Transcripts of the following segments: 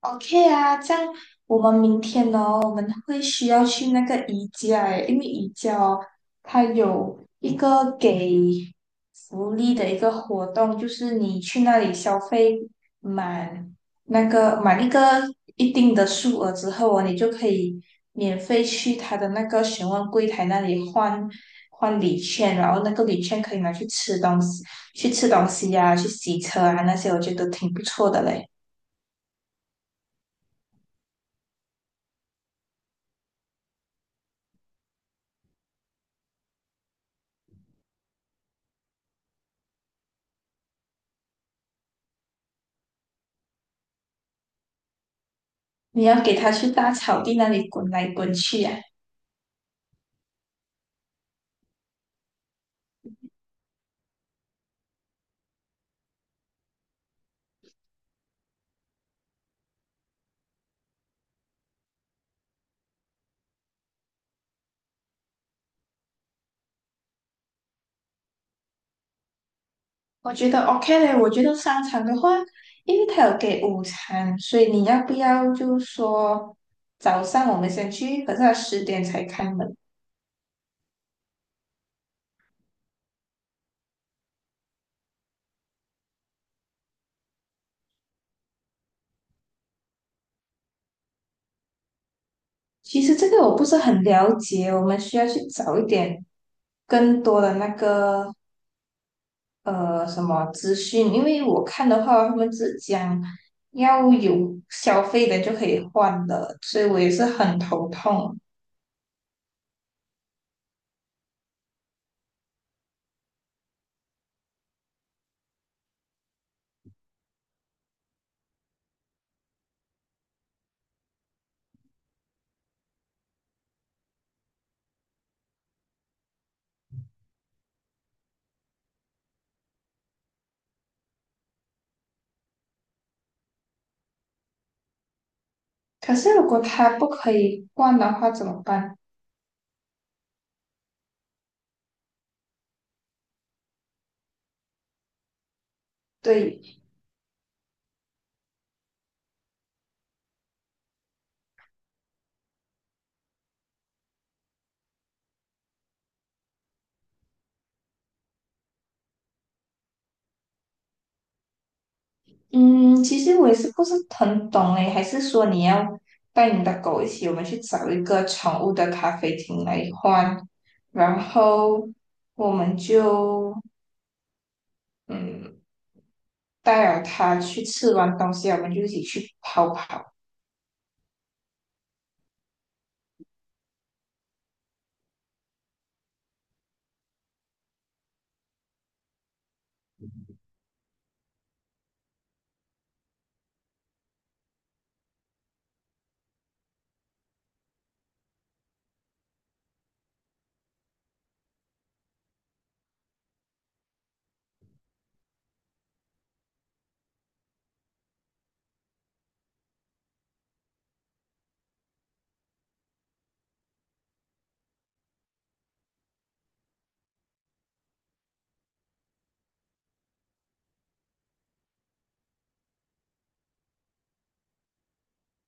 OK 啊，这样我们明天呢，我们会需要去那个宜家诶，因为宜家哦，它有一个给福利的一个活动，就是你去那里消费满满一个一定的数额之后哦，你就可以免费去它的那个询问柜台那里换换礼券，然后那个礼券可以拿去吃东西，去吃东西呀、去洗车啊那些，我觉得挺不错的嘞。你要给他去大草地那里滚来滚去啊，我觉得 OK 嘞。我觉得商场的话，因为他有给午餐，所以你要不要就说早上我们先去，可是它十点才开门。其实这个我不是很了解，我们需要去找一点更多的那个什么资讯，因为我看的话，他们只讲要有消费的就可以换的，所以我也是很头痛。可是如果它不可以换的话怎么办？对，嗯，其实我也是不是很懂诶，还是说你要带你的狗一起，我们去找一个宠物的咖啡厅来换，然后我们就嗯带了它去吃完东西，我们就一起去跑跑。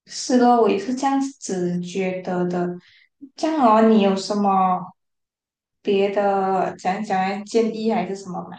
是咯，我也是这样子觉得的。这样哦，你有什么别的建议还是什么吗？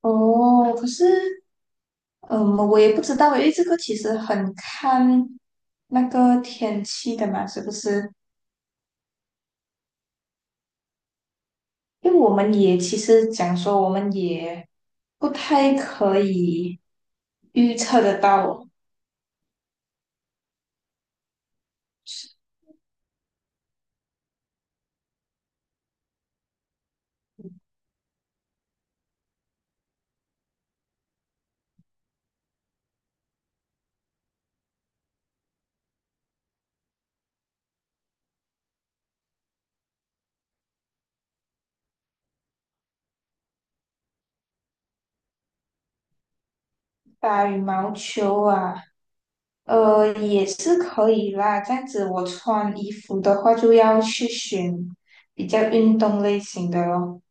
哦，可是嗯，我也不知道，因为这个其实很看那个天气的嘛，是不是？因为我们也其实讲说，我们也不太可以预测得到打羽毛球啊，也是可以啦。这样子，我穿衣服的话就要去选比较运动类型的咯。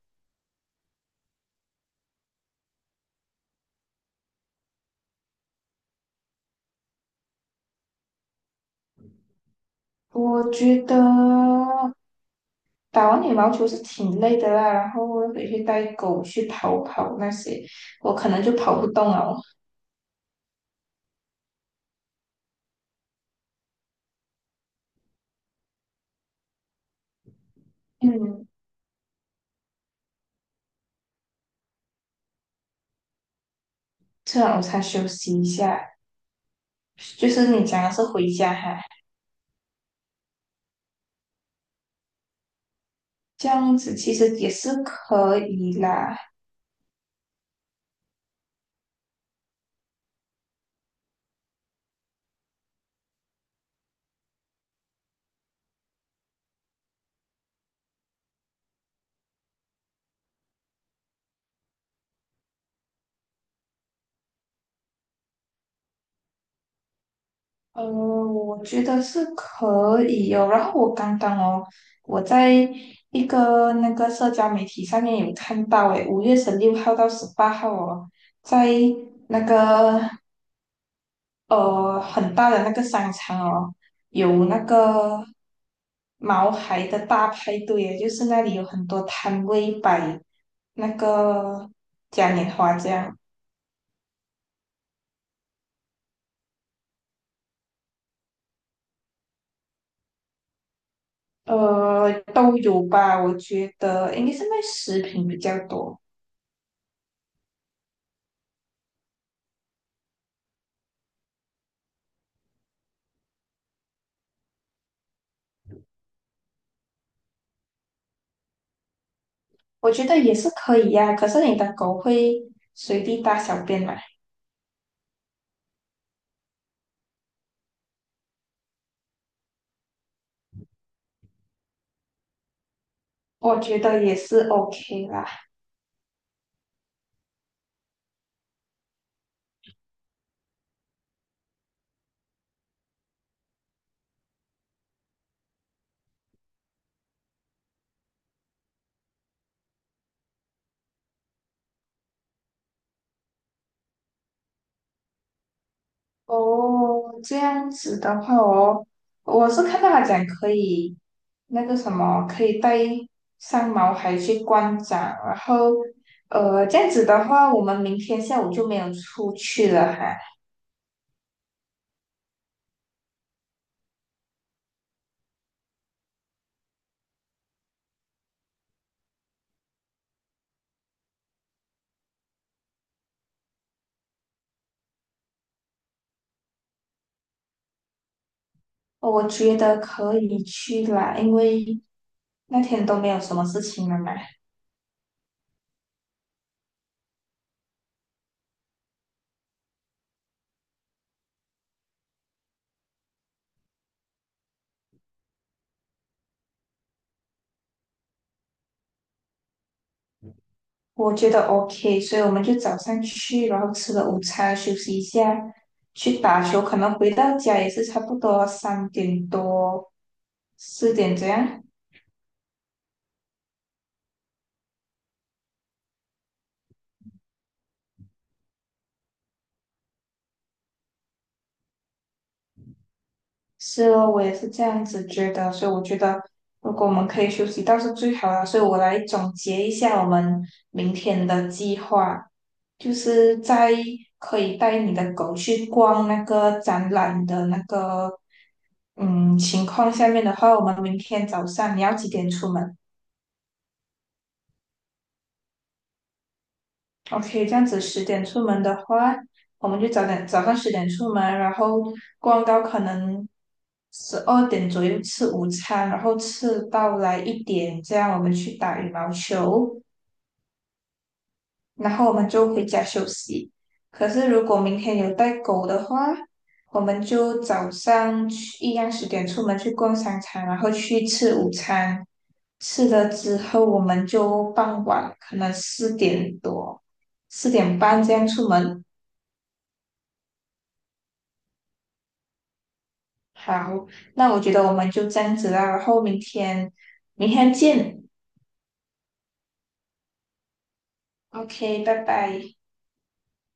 我觉得打完羽毛球是挺累的啦，然后我回去带狗去跑跑那些，我可能就跑不动了。嗯，吃完午餐休息一下，就是你讲的是回家哈，这样子其实也是可以啦。我觉得是可以哦。然后我刚刚哦，我在一个那个社交媒体上面有看到，诶，5月16号到18号哦，在那个很大的那个商场哦，有那个毛孩的大派对耶，就是那里有很多摊位摆那个嘉年华这样，都有吧，我觉得应该是卖食品比较多，我觉得也是可以呀、可是你的狗会随地大小便嘛？我觉得也是 OK 啦。哦，这样子的话哦，我是看到他讲可以那个什么，可以带上毛孩去观展，然后这样子的话，我们明天下午就没有出去了哈。我觉得可以去啦，因为那天都没有什么事情了嘛，我觉得 OK，所以我们就早上去，然后吃了午餐，休息一下，去打球，可能回到家也是差不多3点多、四点这样。是哦，我也是这样子觉得，所以我觉得如果我们可以休息倒是最好了。所以我来总结一下我们明天的计划，就是在可以带你的狗去逛那个展览的那个情况下面的话，我们明天早上你要几点出门？OK，这样子十点出门的话，我们就早上十点出门，然后逛到可能12点左右吃午餐，然后吃到来一点，这样我们去打羽毛球，然后我们就回家休息。可是如果明天有带狗的话，我们就早上去一样十点出门去逛商场，然后去吃午餐。吃了之后，我们就傍晚可能4点多、4点半这样出门。好，那我觉得我们就这样子啦，然后明天见。OK，拜拜。